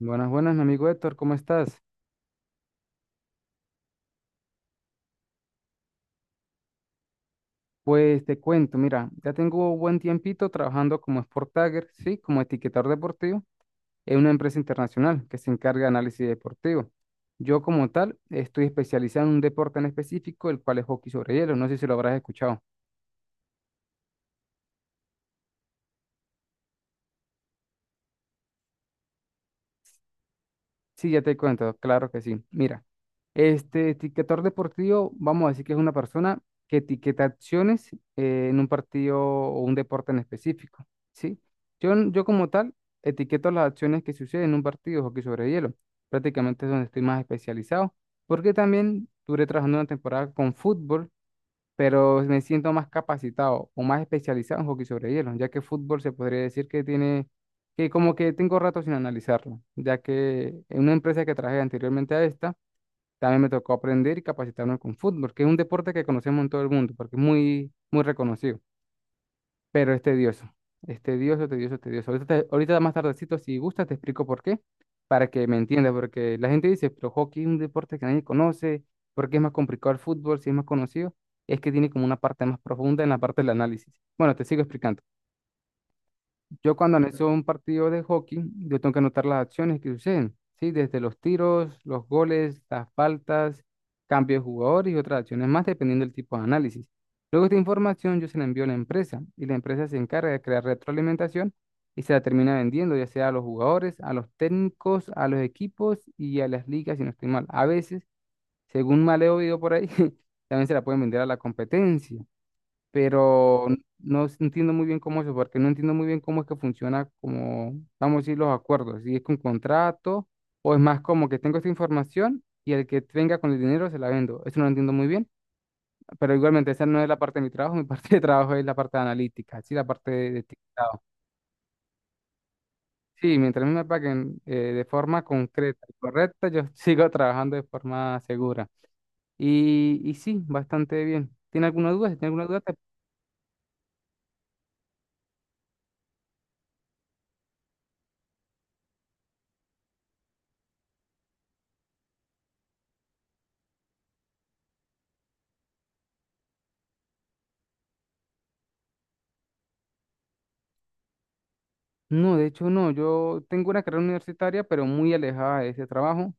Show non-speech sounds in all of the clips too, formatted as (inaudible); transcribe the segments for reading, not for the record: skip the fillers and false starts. Buenas, buenas, mi amigo Héctor, ¿cómo estás? Pues te cuento, mira, ya tengo buen tiempito trabajando como Sport Tagger, sí, como etiquetador deportivo en una empresa internacional que se encarga de análisis deportivo. Yo como tal estoy especializado en un deporte en específico, el cual es hockey sobre hielo, no sé si lo habrás escuchado. Sí, ya te cuento, claro que sí. Mira, este etiquetador deportivo, vamos a decir que es una persona que etiqueta acciones en un partido o un deporte en específico, ¿sí? Yo como tal etiqueto las acciones que suceden en un partido de hockey sobre hielo, prácticamente es donde estoy más especializado, porque también duré trabajando una temporada con fútbol, pero me siento más capacitado o más especializado en hockey sobre hielo, ya que fútbol se podría decir que tiene, que como que tengo rato sin analizarlo, ya que en una empresa que trabajé anteriormente a esta, también me tocó aprender y capacitarme con fútbol, que es un deporte que conocemos en todo el mundo, porque es muy, muy reconocido, pero es tedioso. Es tedioso, tedioso, tedioso. Ahorita más tardecito, si gustas, te explico por qué, para que me entiendas, porque la gente dice, pero hockey es un deporte que nadie conoce, porque es más complicado el fútbol, si es más conocido, es que tiene como una parte más profunda en la parte del análisis. Bueno, te sigo explicando. Yo cuando analizo un partido de hockey, yo tengo que anotar las acciones que suceden, ¿sí? Desde los tiros, los goles, las faltas, cambios de jugadores y otras acciones más, dependiendo del tipo de análisis. Luego esta información yo se la envío a la empresa y la empresa se encarga de crear retroalimentación y se la termina vendiendo, ya sea a los jugadores, a los técnicos, a los equipos y a las ligas, si no estoy mal. A veces, según mal he oído por ahí, (laughs) también se la pueden vender a la competencia, pero no entiendo muy bien cómo eso, porque no entiendo muy bien cómo es que funciona, como, vamos a decir, los acuerdos, si es con contrato o es más como que tengo esta información y el que venga con el dinero se la vendo. Eso no lo entiendo muy bien, pero igualmente esa no es la parte de mi trabajo, (laughs) mi parte de trabajo es la parte analítica, sí, la parte de etiquetado. Sí, mientras a mí me paguen de forma concreta y correcta, yo (laughs) sigo trabajando de forma segura. Y sí, bastante bien. ¿Tiene alguna duda? Si tiene alguna duda. No, de hecho no, yo tengo una carrera universitaria, pero muy alejada de ese trabajo.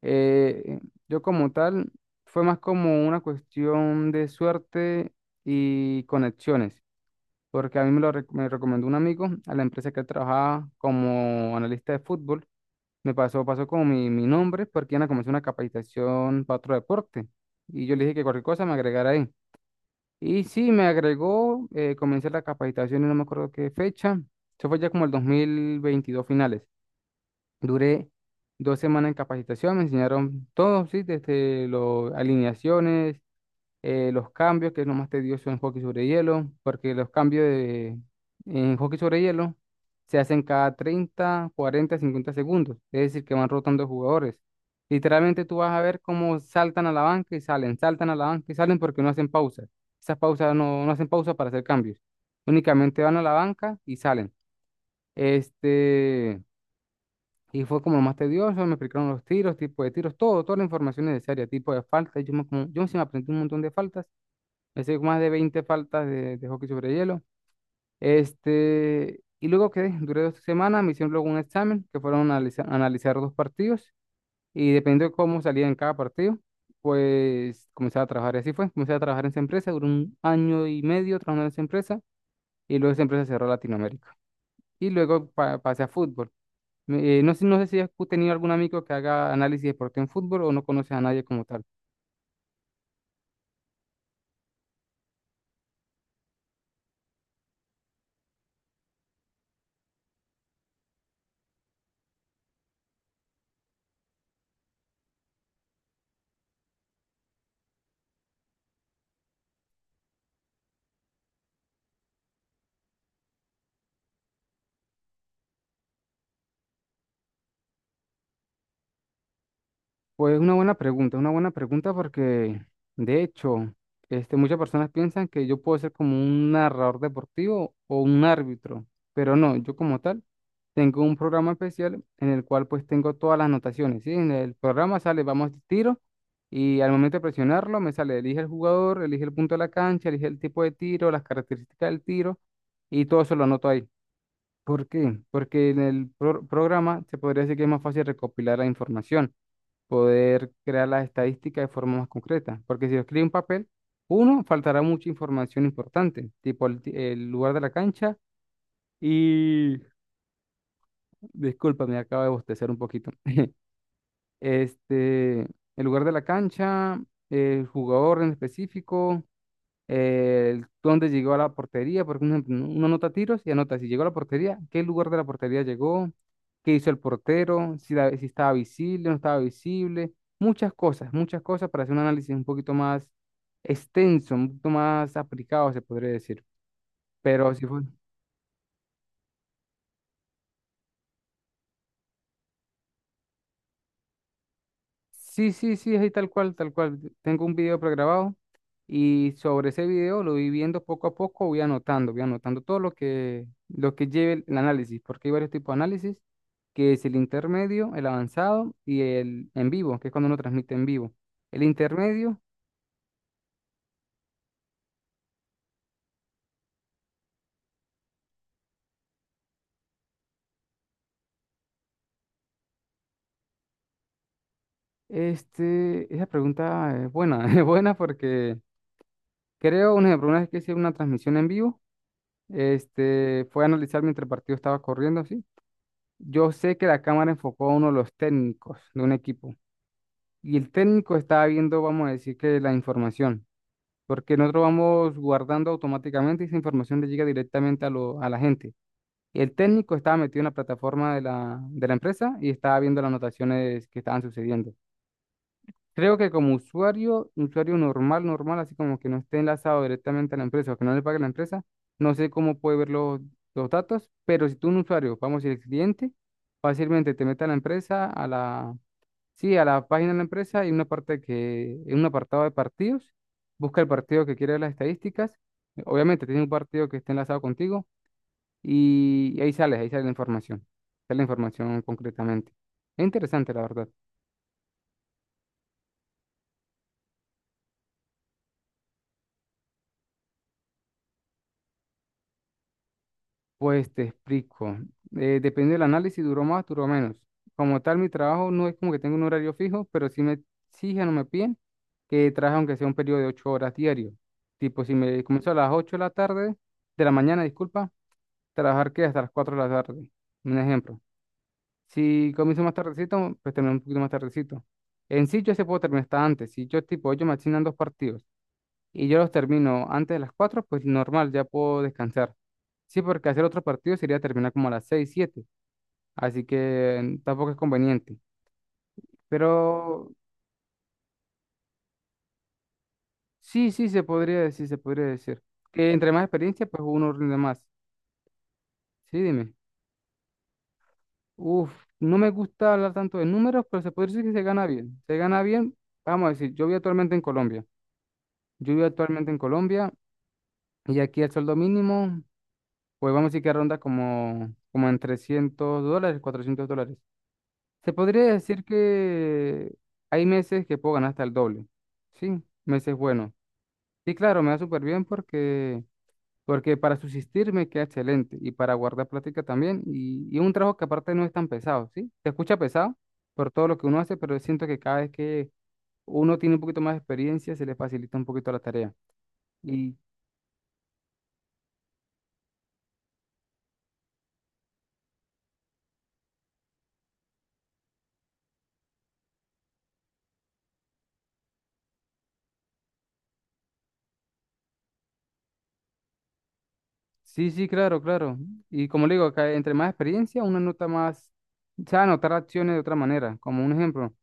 Eh, yo como tal, fue más como una cuestión de suerte y conexiones, porque a mí me recomendó un amigo a la empresa que él trabajaba como analista de fútbol. Me pasó, pasó como mi nombre, porque iban a comenzar una capacitación para otro deporte. Y yo le dije que cualquier cosa me agregara ahí. Y sí, me agregó, comencé la capacitación y no me acuerdo qué fecha. Eso fue ya como el 2022 finales. Duré 2 semanas en capacitación, me enseñaron todo, sí, desde las alineaciones, los cambios, que es lo más tedioso en hockey sobre hielo, porque los cambios de, en hockey sobre hielo se hacen cada 30 40 50 segundos, es decir, que van rotando jugadores. Literalmente tú vas a ver cómo saltan a la banca y salen, saltan a la banca y salen, porque no hacen pausas. Esas pausas no, no hacen pausa para hacer cambios. Únicamente van a la banca y salen. Este, y fue como lo más tedioso, me explicaron los tiros, tipo de tiros, todo, toda la información necesaria, tipo de faltas. Yo sí me aprendí un montón de faltas, me hice más de 20 faltas de hockey sobre hielo. Y luego quedé, duré 2 semanas, me hicieron luego un examen, que fueron a analizar dos partidos, y dependiendo de cómo salía en cada partido, pues comenzaba a trabajar, y así fue, comencé a trabajar en esa empresa, duré un año y medio trabajando en esa empresa, y luego esa empresa cerró Latinoamérica. Y luego pasé a fútbol. No sé, no sé si has tenido algún amigo que haga análisis de deporte en fútbol o no conoces a nadie como tal. Pues una buena pregunta porque, de hecho, muchas personas piensan que yo puedo ser como un narrador deportivo o un árbitro, pero no, yo como tal tengo un programa especial en el cual pues tengo todas las anotaciones, ¿sí? En el programa sale, vamos, tiro, y al momento de presionarlo me sale, elige el jugador, elige el punto de la cancha, elige el tipo de tiro, las características del tiro, y todo eso lo anoto ahí. ¿Por qué? Porque en el programa se podría decir que es más fácil recopilar la información, poder crear las estadísticas de forma más concreta. Porque si lo escribe en papel, uno, faltará mucha información importante, tipo el lugar de la cancha y... Disculpa, me acabo de bostezar un poquito. El lugar de la cancha, el jugador en específico, dónde llegó a la portería, porque uno, uno anota tiros y anota si llegó a la portería, qué lugar de la portería llegó, qué hizo el portero, si estaba visible, no estaba visible, muchas cosas para hacer un análisis un poquito más extenso, un poquito más aplicado, se podría decir. Pero si fue. Sí, sí, sí, ahí tal cual, tal cual. Tengo un video pregrabado y sobre ese video lo voy viendo poco a poco, voy anotando todo lo que lleve el análisis, porque hay varios tipos de análisis, que es el intermedio, el avanzado y el en vivo, que es cuando uno transmite en vivo. El intermedio, esa pregunta es buena, (laughs) es buena porque creo, un ejemplo, una vez que hice una transmisión en vivo, fue a analizar mientras el partido estaba corriendo, ¿sí? Yo sé que la cámara enfocó a uno de los técnicos de un equipo y el técnico estaba viendo, vamos a decir que la información, porque nosotros vamos guardando automáticamente y esa información le llega directamente a la gente. El técnico estaba metido en la plataforma de la empresa y estaba viendo las anotaciones que estaban sucediendo. Creo que como usuario, usuario normal, normal, así como que no esté enlazado directamente a la empresa o que no le pague la empresa, no sé cómo puede ver los, datos, pero si tú un usuario, vamos a decir cliente, fácilmente te mete a la empresa, sí, a la página de la empresa, hay una parte que, en un apartado de partidos, busca el partido que quiere ver las estadísticas, obviamente tiene un partido que esté enlazado contigo y ahí sale la información concretamente. Es interesante, la verdad. Pues te explico. Depende del análisis, si duró más, duró menos. Como tal, mi trabajo no es como que tengo un horario fijo, pero sí me exigen o me piden que trabaje aunque sea un periodo de 8 horas diario. Tipo, si me comienzo a las 8 de la tarde, de la mañana, disculpa, trabajar que hasta las 4 de la tarde. Un ejemplo. Si comienzo más tardecito, pues termino un poquito más tardecito. En sí, yo se puedo terminar hasta antes. Si yo, tipo, ellos me asignan dos partidos y yo los termino antes de las 4, pues normal, ya puedo descansar. Sí, porque hacer otro partido sería terminar como a las 6 7, así que tampoco es conveniente. Pero sí, sí, se podría decir, se podría decir. Que entre más experiencia, pues uno rinde más. Sí, dime. Uf, no me gusta hablar tanto de números, pero se puede decir que se gana bien. Se gana bien, vamos a decir, yo vivo actualmente en Colombia. Yo vivo actualmente en Colombia y aquí el sueldo mínimo, pues vamos a decir que ronda como, en $300, $400. Se podría decir que hay meses que puedo ganar hasta el doble. Sí, meses buenos. Y claro, me va súper bien porque para subsistir me queda excelente y para guardar plática también. Y un trabajo que aparte no es tan pesado, ¿sí? Se escucha pesado por todo lo que uno hace, pero siento que cada vez que uno tiene un poquito más de experiencia se le facilita un poquito la tarea. Y sí, sí, claro, claro. Y como le digo, acá entre más experiencia uno nota más, sabe anotar acciones de otra manera. Como un ejemplo.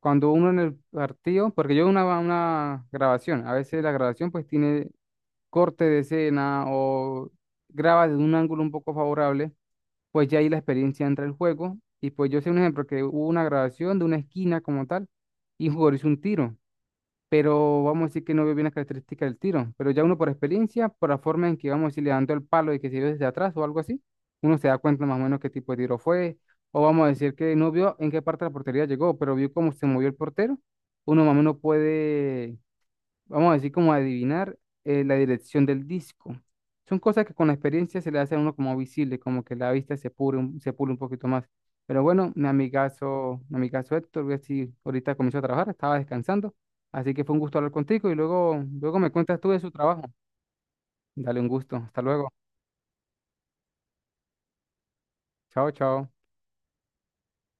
Cuando uno en el partido, porque yo una grabación, a veces la grabación pues tiene corte de escena o graba desde un ángulo un poco favorable, pues ya ahí la experiencia entra el juego. Y pues yo sé un ejemplo que hubo una grabación de una esquina como tal y un jugador hizo un tiro, pero vamos a decir que no veo bien las características del tiro, pero ya uno por experiencia, por la forma en que vamos a decir le dando el palo y que se vio desde atrás o algo así, uno se da cuenta más o menos qué tipo de tiro fue, o vamos a decir que no vio en qué parte de la portería llegó, pero vio cómo se movió el portero, uno más o menos puede, vamos a decir, como adivinar la dirección del disco. Son cosas que con la experiencia se le hace a uno como visible, como que la vista se pule un poquito más. Pero bueno, mi amigazo Héctor, voy a decir, ahorita comenzó a trabajar, estaba descansando, así que fue un gusto hablar contigo y luego, luego me cuentas tú de su trabajo. Dale un gusto, hasta luego. Chao, chao.